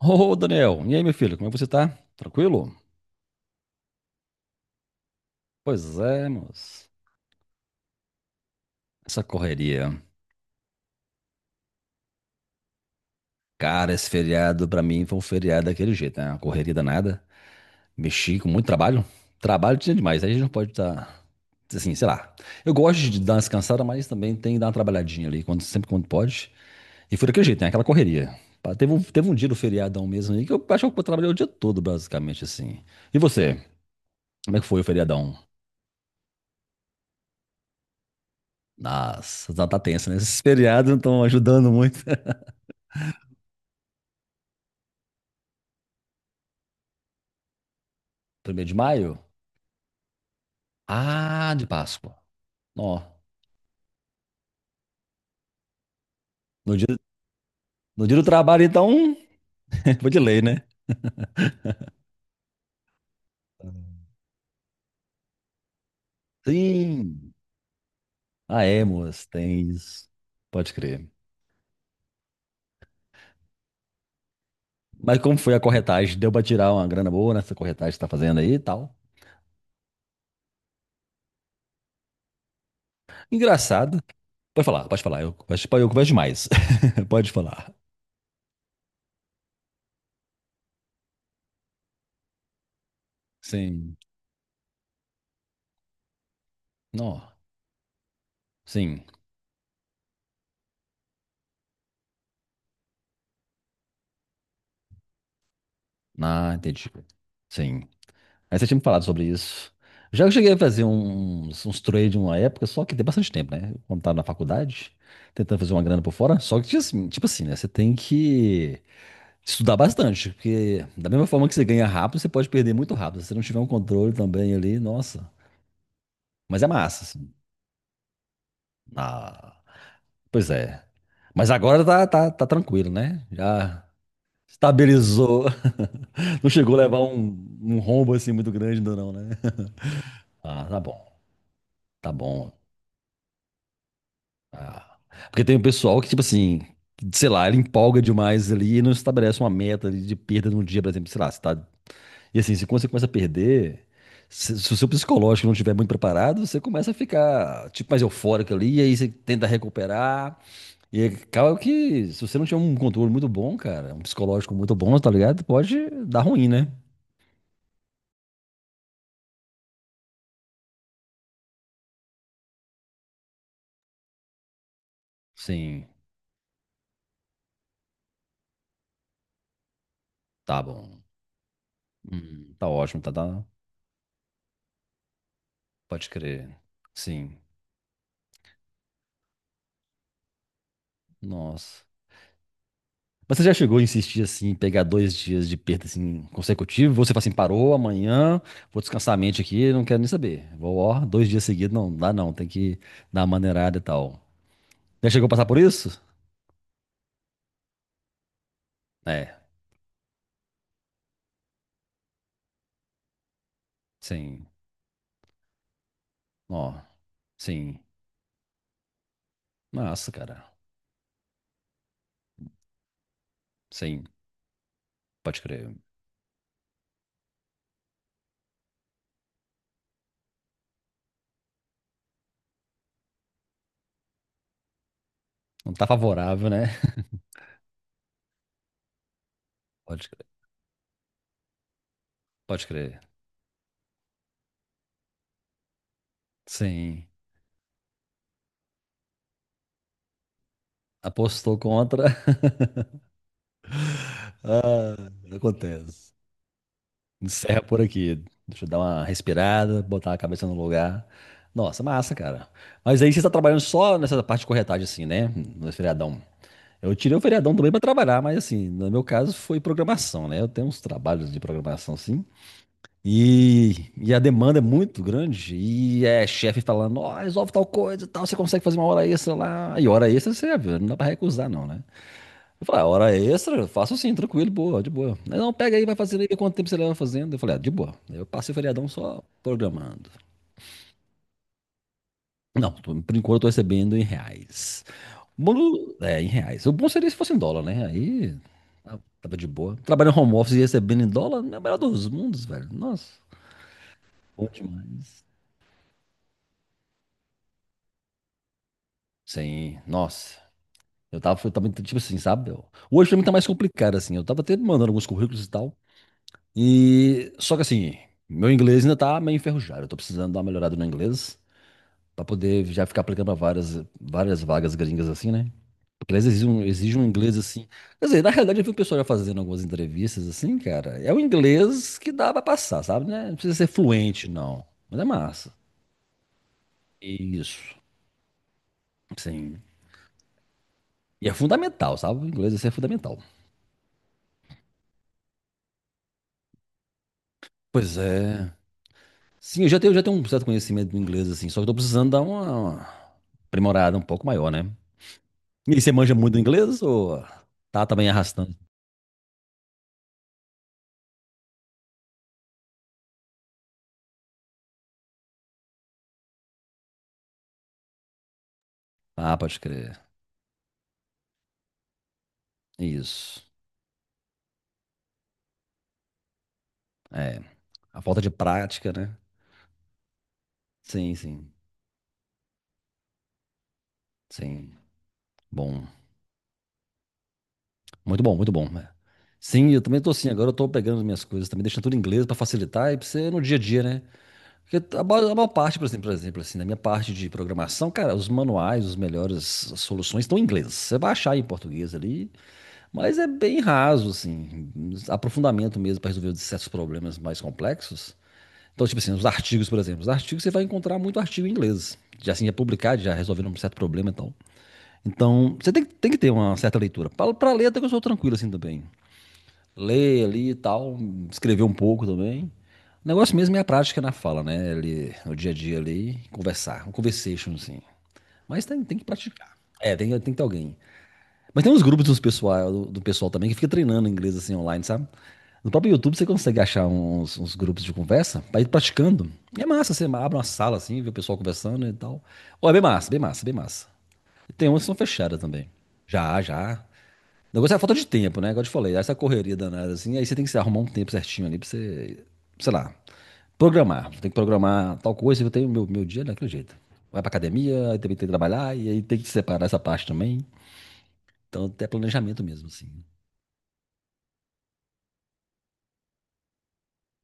Ô, Daniel, e aí, meu filho, como é que você tá? Tranquilo? Pois é, moço. Essa correria. Cara, esse feriado pra mim foi um feriado daquele jeito, né? Uma correria danada. Mexi com muito trabalho. Trabalho tinha demais, aí a gente não pode estar, assim, sei lá. Eu gosto de dar uma descansada, mas também tem que dar uma trabalhadinha ali, sempre quando pode. E foi daquele jeito, né? Aquela correria. Pá, teve um dia do feriadão mesmo aí que eu acho que eu trabalhei o dia todo, basicamente, assim. E você? Como é que foi o feriadão? Nossa, tá tenso, né? Esses feriados não estão ajudando muito. Primeiro de maio? Ah, de Páscoa. Ó, no dia, no dia do trabalho, então. Vou de lei, né? Sim. Ah, é, moço, tem isso. Pode crer. Mas como foi a corretagem? Deu pra tirar uma grana boa nessa corretagem que você tá fazendo aí e tal. Engraçado. Pode falar, pode falar. Eu converso demais. Pode falar. Sim. Não. Sim. Ah, entendi. Sim. Aí você tinha me falado sobre isso. Já eu cheguei a fazer uns trade uma época, só que tem bastante tempo, né? Quando tava na faculdade, tentando fazer uma grana por fora, só que tinha assim, tipo assim, né? Você tem que estudar bastante, porque da mesma forma que você ganha rápido, você pode perder muito rápido. Se você não tiver um controle também ali, nossa. Mas é massa, assim. Ah, pois é. Mas agora tá tranquilo, né? Já estabilizou. Não chegou a levar um rombo assim muito grande ainda não, né? Ah, tá bom. Tá bom. Ah. Porque tem o pessoal que, tipo assim, sei lá, ele empolga demais ali e não estabelece uma meta ali de perda num dia, por exemplo, sei lá, você tá. E assim, se quando você começa a perder, se o seu psicológico não estiver muito preparado, você começa a ficar, tipo, mais eufórico ali, e aí você tenta recuperar, e aí acaba que, se você não tiver um controle muito bom, cara, um psicológico muito bom, tá ligado? Pode dar ruim, né? Sim, tá bom. Tá ótimo, tá. Pode crer. Sim. Nossa. Mas você já chegou a insistir assim, pegar dois dias de perda assim, consecutivo? Você fala assim, parou amanhã, vou descansar a mente aqui, não quero nem saber. Vou, ó, dois dias seguidos, não dá não, tem que dar uma maneirada e tal. Já chegou a passar por isso? É, sim, ó, sim. Nossa, cara, sim, pode crer. Não tá favorável, né? Pode crer, pode crer. Sim, apostou contra. Ah, acontece. Encerra por aqui. Deixa eu dar uma respirada, botar a cabeça no lugar. Nossa, massa, cara. Mas aí você está trabalhando só nessa parte de corretagem, assim, né? No feriadão. Eu tirei o feriadão também para trabalhar, mas assim, no meu caso foi programação, né? Eu tenho uns trabalhos de programação, sim. E a demanda é muito grande. E é chefe falando, ó, resolve tal coisa, e tal, você consegue fazer uma hora extra lá. E hora extra você já viu, não dá para recusar, não, né? Eu falei, ah, hora extra, faço sim, tranquilo, boa, de boa. Aí, não, pega aí, vai fazendo aí, vê quanto tempo você leva fazendo. Eu falei, ah, de boa. Eu passei o feriadão só programando. Não, por enquanto eu tô recebendo em reais. Bolo, é, em reais. O bom seria se fosse em dólar, né? Aí tava de boa. Trabalhando home office e recebendo em dólar, é o melhor dos mundos, velho. Nossa, bom demais. Sim, nossa. Eu tava tipo assim, sabe? Hoje pra mim tá mais complicado, assim. Eu tava até mandando alguns currículos e tal. E só que assim, meu inglês ainda tá meio enferrujado. Eu tô precisando dar uma melhorada no inglês pra poder já ficar aplicando pra várias, várias vagas gringas assim, né? Porque eles exige um inglês assim. Quer dizer, na realidade eu vi o pessoal já fazendo algumas entrevistas assim, cara. É o inglês que dá pra passar, sabe, né? Não precisa ser fluente, não. Mas é massa. Isso, sim. E é fundamental, sabe? O inglês assim, é fundamental. Pois é. Sim, eu já tenho um certo conhecimento do inglês assim, só que eu tô precisando dar uma aprimorada um pouco maior, né? E você manja muito inglês ou tá também arrastando? Ah, pode crer. Isso. É. A falta de prática, né? Sim, sim. Sim. Bom. Muito bom, muito bom, né? Sim, eu também tô assim. Agora eu tô pegando as minhas coisas também, deixando tudo em inglês pra facilitar e pra você no dia a dia, né? Porque a maior parte, por exemplo, assim, na minha parte de programação, cara, os manuais, os melhores soluções estão em inglês. Você vai achar em português ali, mas é bem raso, assim. Aprofundamento mesmo pra resolver certos problemas mais complexos. Então, tipo assim, os artigos, por exemplo. Os artigos você vai encontrar muito artigo em inglês. Já assim, já é publicado, já resolvendo um certo problema e tal. Então, você tem que ter uma certa leitura. Pra ler, até que eu sou tranquilo assim também. Ler ali e tal, escrever um pouco também. O negócio mesmo é a prática na fala, né? Ali, no dia a dia ali, conversar. Um conversation, assim. Mas tem que praticar. É, tem que ter alguém. Mas tem uns grupos do pessoal também que fica treinando inglês assim online, sabe? No próprio YouTube você consegue achar uns grupos de conversa pra ir praticando. E é massa, você abre uma sala assim, vê o pessoal conversando e tal. Ó, é bem massa, bem massa, bem massa. E tem umas que são fechadas também. Já, já. O negócio é a falta de tempo, né? Igual eu te falei, essa correria danada assim, aí você tem que se arrumar um tempo certinho ali pra você, sei lá, programar. Você tem que programar tal coisa, eu tenho meu dia daquele jeito. Vai pra academia, aí também tem que trabalhar, e aí tem que separar essa parte também. Então, até planejamento mesmo, assim.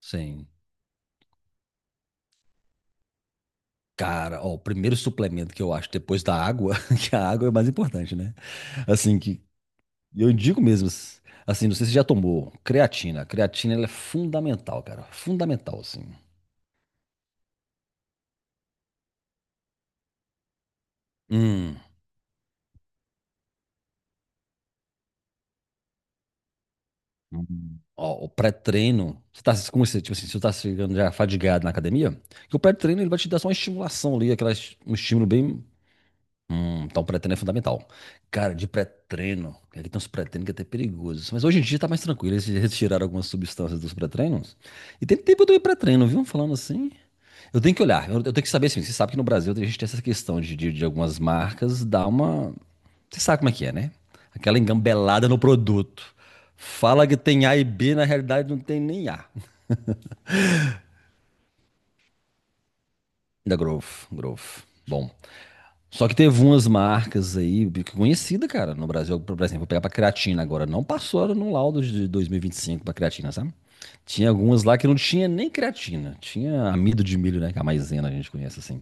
Sim. Cara, ó, o primeiro suplemento que eu acho depois da água, que a água é o mais importante, né? Assim, que eu digo mesmo, assim, não sei se você já tomou, creatina. Creatina, ela é fundamental, cara. Fundamental, assim. Hum. Hum. Ó, o pré-treino, você tá, como você, tipo assim, você tá chegando já fadigado na academia, que o pré-treino ele vai te dar só uma estimulação ali, aquela, um estímulo bem. Então pré-treino é fundamental. Cara, de pré-treino, é que aqui tem uns pré-treinos que é até perigosos, mas hoje em dia tá mais tranquilo, eles retiraram algumas substâncias dos pré-treinos. E tem tempo eu tomei pré-treino, viu? Falando assim, eu tenho que olhar, eu tenho que saber assim, você sabe que no Brasil a gente tem essa questão de algumas marcas dar uma. Você sabe como é que é, né? Aquela engambelada no produto. Fala que tem A e B, na realidade não tem nem A. Da Growth, Growth. Bom. Só que teve umas marcas aí, que conhecida, cara, no Brasil. Por exemplo, vou pegar pra creatina agora. Não passou no laudo de 2025 pra creatina, sabe? Tinha algumas lá que não tinha nem creatina. Tinha amido de milho, né? Que é a maisena a gente conhece, assim.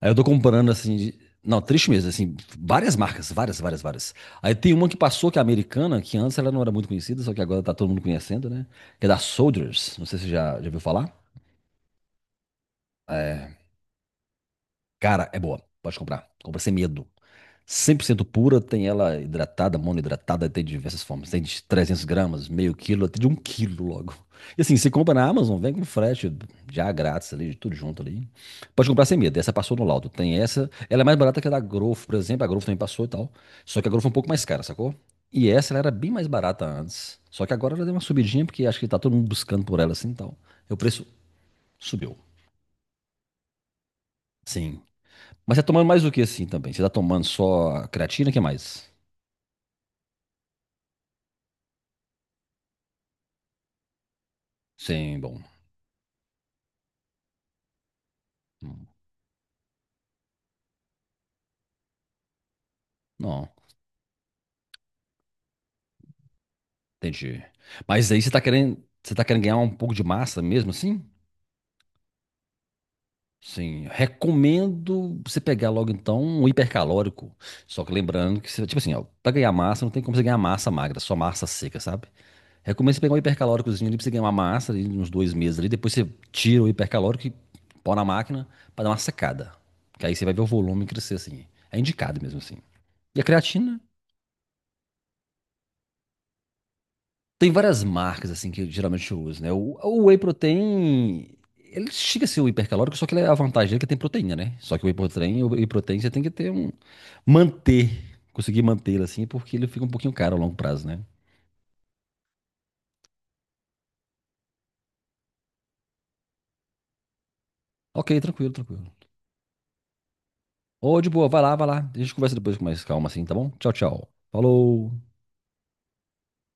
Aí eu tô comparando, assim. Não, triste mesmo, assim. Várias marcas, várias, várias, várias. Aí tem uma que passou, que é americana, que antes ela não era muito conhecida, só que agora tá todo mundo conhecendo, né? Que é da Soldiers. Não sei se você já ouviu falar. Cara, é boa. Pode comprar. Compra sem medo. 100% pura, tem ela hidratada, monohidratada, tem de diversas formas. Tem de 300 g, meio quilo, até de um quilo logo. E assim, você compra na Amazon, vem com frete já grátis ali, tudo junto ali. Pode comprar sem medo, essa passou no laudo. Tem essa, ela é mais barata que a da Growth, por exemplo, a Growth também passou e tal. Só que a Growth é um pouco mais cara, sacou? E essa ela era bem mais barata antes. Só que agora ela deu uma subidinha, porque acho que tá todo mundo buscando por ela assim e tal. E o preço subiu. Sim. Mas você tá tomando mais do que assim também? Você tá tomando só a creatina, o que mais? Sim, bom. Hum. Não, entendi. Mas aí você tá querendo ganhar um pouco de massa mesmo assim? Sim, recomendo você pegar logo então um hipercalórico. Só que lembrando que, tipo assim, ó, pra ganhar massa não tem como você ganhar massa magra, só massa seca, sabe? Recomendo você pegar um hipercalóricozinho ali pra você ganhar uma massa ali, uns 2 meses ali. Depois você tira o hipercalórico e põe na máquina pra dar uma secada. Que aí você vai ver o volume crescer assim. É indicado mesmo assim. E a creatina? Tem várias marcas, assim, que geralmente eu uso, né? O whey protein, ele chega a ser o hipercalórico, só que ele é a vantagem dele é que tem proteína, né? Só que o whey protein você tem que ter um. Manter, conseguir mantê-lo, assim, porque ele fica um pouquinho caro a longo prazo, né? Ok, tranquilo, tranquilo. Ô, de boa, vai lá, vai lá. A gente conversa depois com mais calma, assim, tá bom? Tchau, tchau. Falou!